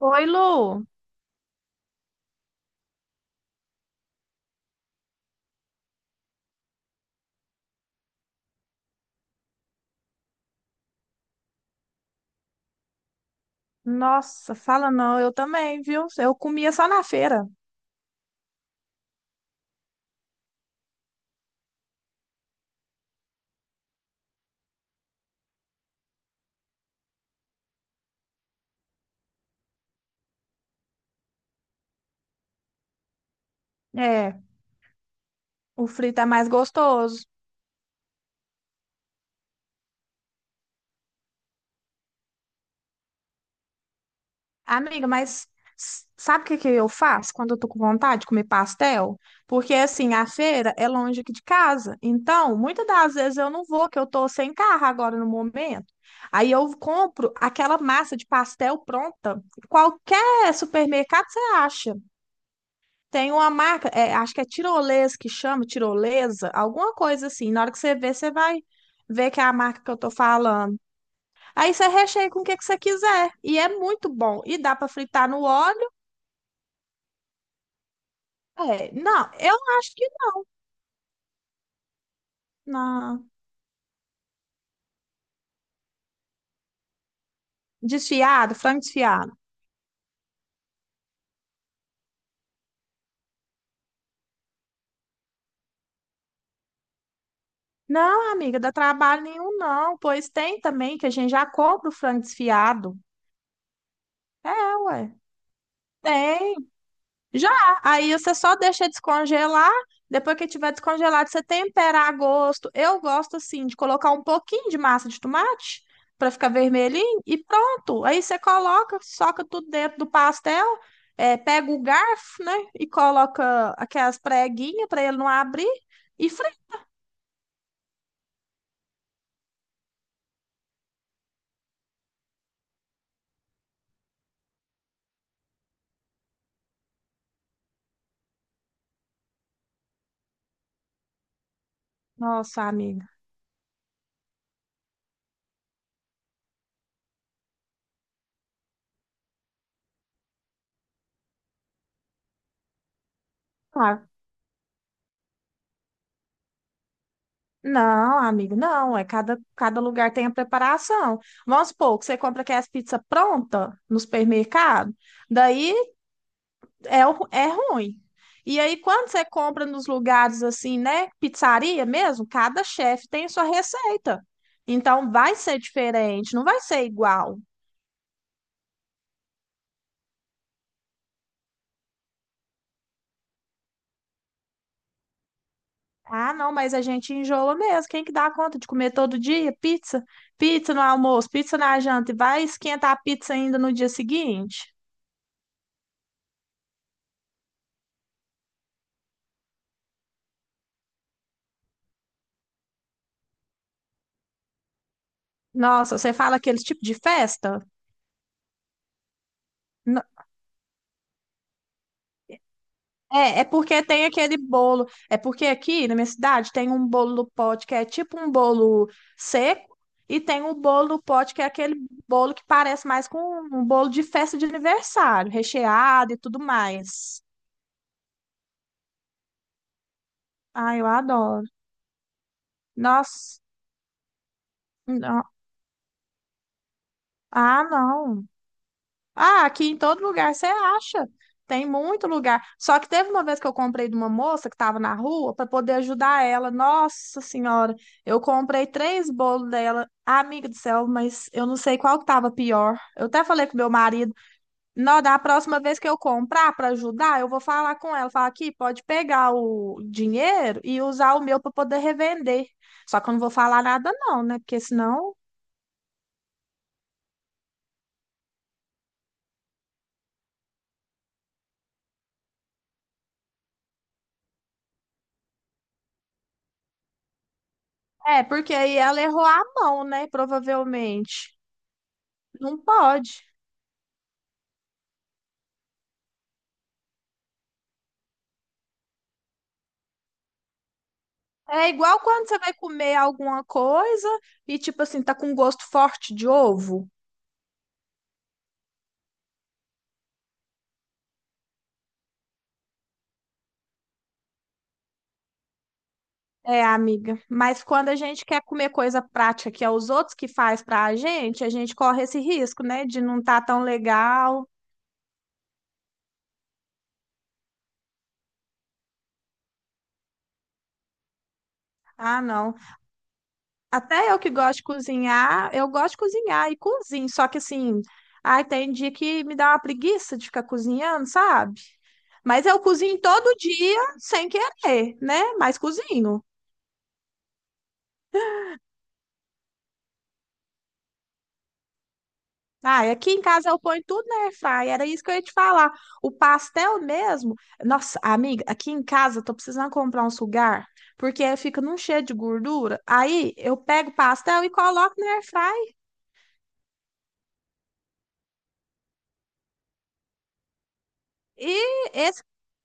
Oi, Lu. Nossa, fala não, eu também, viu? Eu comia só na feira. É, o frito é mais gostoso. Amiga, mas sabe o que que eu faço quando eu tô com vontade de comer pastel? Porque assim, a feira é longe aqui de casa. Então, muitas das vezes eu não vou, que eu tô sem carro agora no momento. Aí eu compro aquela massa de pastel pronta. Qualquer supermercado você acha. Tem uma marca, é, acho que é tirolesa que chama, tirolesa, alguma coisa assim. Na hora que você vê, você vai ver que é a marca que eu tô falando. Aí você recheia com o que que você quiser. E é muito bom. E dá pra fritar no óleo. É, não, eu acho que não. Desfiado, frango desfiado. Não, amiga, dá trabalho nenhum, não. Pois tem também que a gente já compra o frango desfiado. É, ué. Tem. Já, aí você só deixa descongelar, depois que tiver descongelado, você tempera a gosto. Eu gosto assim de colocar um pouquinho de massa de tomate para ficar vermelhinho e pronto. Aí você coloca, soca tudo dentro do pastel, é, pega o garfo, né, e coloca aquelas preguinhas para ele não abrir e frita. Nossa, amiga. Ah, não, amigo, não. É cada lugar tem a preparação. Vamos supor que você compra aquelas pizzas pronta no supermercado. Daí é, é ruim. E aí, quando você compra nos lugares assim, né? Pizzaria mesmo, cada chefe tem sua receita. Então, vai ser diferente, não vai ser igual. Ah, não, mas a gente enjoa mesmo. Quem que dá conta de comer todo dia pizza? Pizza no almoço, pizza na janta, e vai esquentar a pizza ainda no dia seguinte? Nossa, você fala aquele tipo de festa? É, é porque tem aquele bolo. É porque aqui na minha cidade tem um bolo do pote que é tipo um bolo seco e tem o bolo do pote que é aquele bolo que parece mais com um bolo de festa de aniversário, recheado e tudo mais. Ah, eu adoro. Nossa, não. Ah, não. Ah, aqui em todo lugar você acha. Tem muito lugar. Só que teve uma vez que eu comprei de uma moça que estava na rua para poder ajudar ela. Nossa Senhora, eu comprei três bolos dela. Amiga do céu, mas eu não sei qual que estava pior. Eu até falei com meu marido, não, da próxima vez que eu comprar para ajudar, eu vou falar com ela, falar aqui, pode pegar o dinheiro e usar o meu para poder revender. Só que eu não vou falar nada não, né? Porque senão, é, porque aí ela errou a mão, né? Provavelmente. Não pode. É igual quando você vai comer alguma coisa e, tipo assim, tá com gosto forte de ovo. É, amiga. Mas quando a gente quer comer coisa prática que é os outros que faz pra gente, a gente corre esse risco, né? De não tá tão legal. Ah, não. Até eu que gosto de cozinhar, eu gosto de cozinhar e cozinho. Só que assim, ai, tem dia que me dá uma preguiça de ficar cozinhando, sabe? Mas eu cozinho todo dia sem querer, né? Mas cozinho. Ah, e aqui em casa eu ponho tudo na airfryer, era isso que eu ia te falar. O pastel mesmo, nossa, amiga, aqui em casa eu tô precisando comprar um sugar, porque fica num cheio de gordura. Aí eu pego o pastel e coloco na airfryer. E esse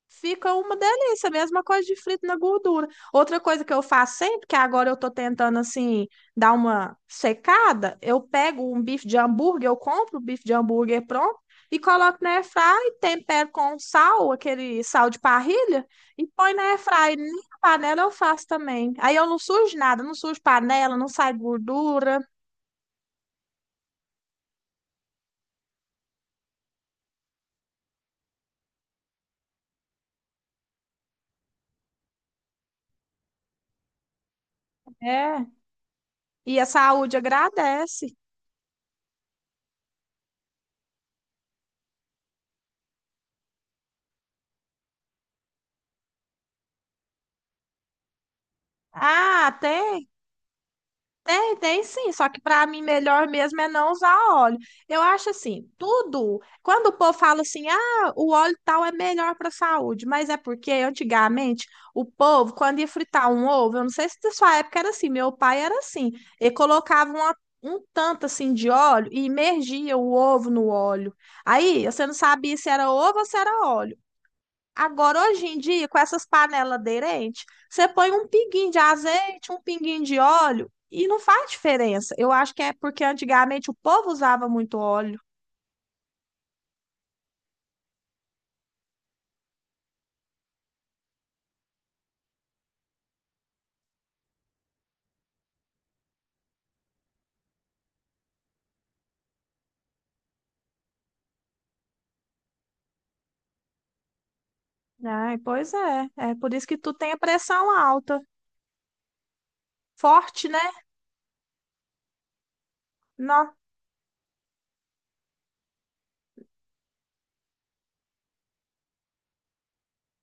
fica uma delícia, mesma coisa de frito na gordura. Outra coisa que eu faço sempre, que agora eu tô tentando assim dar uma secada, eu pego um bife de hambúrguer, eu compro o bife de hambúrguer pronto e coloco na airfryer, tempero com sal, aquele sal de parrilha, e põe na airfryer. Nem a panela eu faço também. Aí eu não sujo nada, não sujo panela, não sai gordura. É. E a saúde agradece. Ah, tem. Tem, tem sim, só que para mim melhor mesmo é não usar óleo. Eu acho assim, tudo. Quando o povo fala assim, ah, o óleo tal é melhor para a saúde, mas é porque antigamente o povo, quando ia fritar um ovo, eu não sei se da sua época era assim, meu pai era assim, ele colocava um tanto assim de óleo e imergia o ovo no óleo. Aí você não sabia se era ovo ou se era óleo. Agora, hoje em dia, com essas panelas aderentes, você põe um pinguinho de azeite, um pinguinho de óleo e não faz diferença. Eu acho que é porque antigamente o povo usava muito óleo. Ai, pois é. É por isso que tu tem a pressão alta. Forte, né? Não,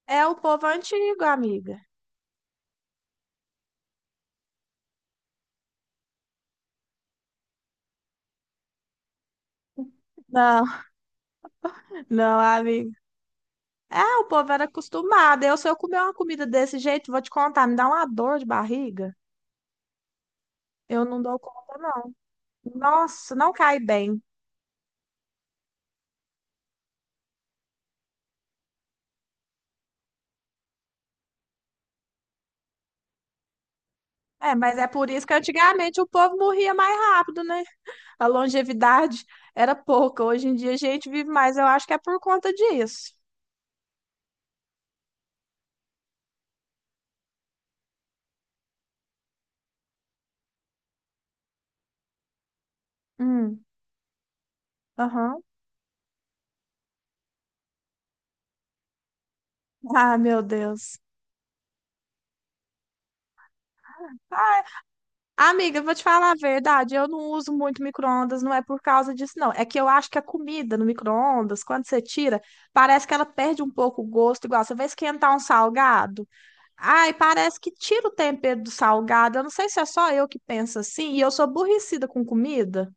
é o povo antigo, amiga. Não, não, amiga. É, o povo era acostumado. Eu, se eu comer uma comida desse jeito, vou te contar, me dá uma dor de barriga. Eu não dou conta, não. Nossa, não cai bem. É, mas é por isso que antigamente o povo morria mais rápido, né? A longevidade era pouca. Hoje em dia a gente vive mais. Eu acho que é por conta disso. Hum, aham. Ah, meu Deus. Ah, amiga, eu vou te falar a verdade. Eu não uso muito micro-ondas, não é por causa disso, não. É que eu acho que a comida no micro-ondas, quando você tira, parece que ela perde um pouco o gosto. Igual você vai esquentar um salgado. Ai, parece que tira o tempero do salgado. Eu não sei se é só eu que penso assim. E eu sou aborrecida com comida.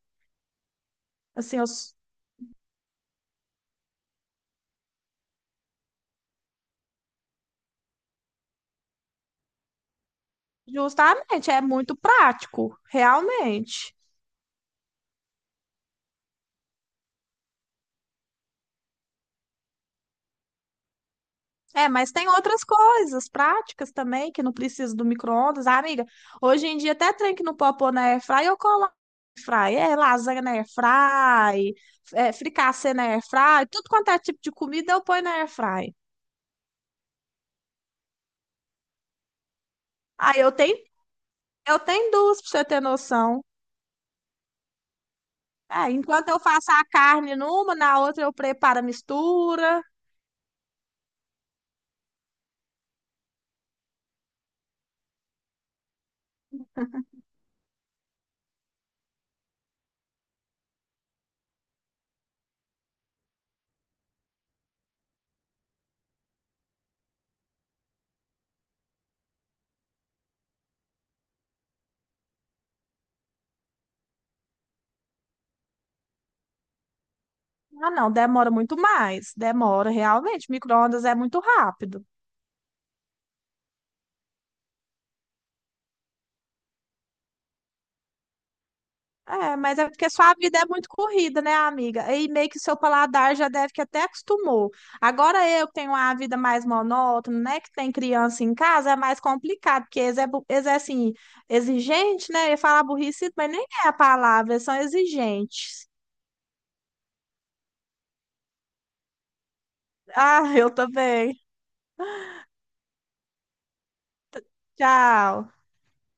Assim, eu justamente, é muito prático, realmente. É, mas tem outras coisas práticas também que não precisa do micro-ondas. Ah, amiga, hoje em dia até trem que não popou na airfry, eu coloco na airfry. É lasanha na airfry, é, fricassê na airfry, tudo quanto é tipo de comida eu ponho na airfry. Aí eu tenho duas pra você ter noção. É, enquanto eu faço a carne numa, na outra eu preparo a mistura. Ah, não, demora muito mais. Demora, realmente. Micro-ondas é muito rápido. É, mas é porque sua vida é muito corrida, né, amiga? E meio que seu paladar já deve que até acostumou. Agora eu que tenho uma vida mais monótona, né, que tem criança em casa, é mais complicado, porque eles é, eles é assim, exigente, né? Eu ia falar burrice, mas nem é a palavra, eles são exigentes. Ah, eu também. Tchau.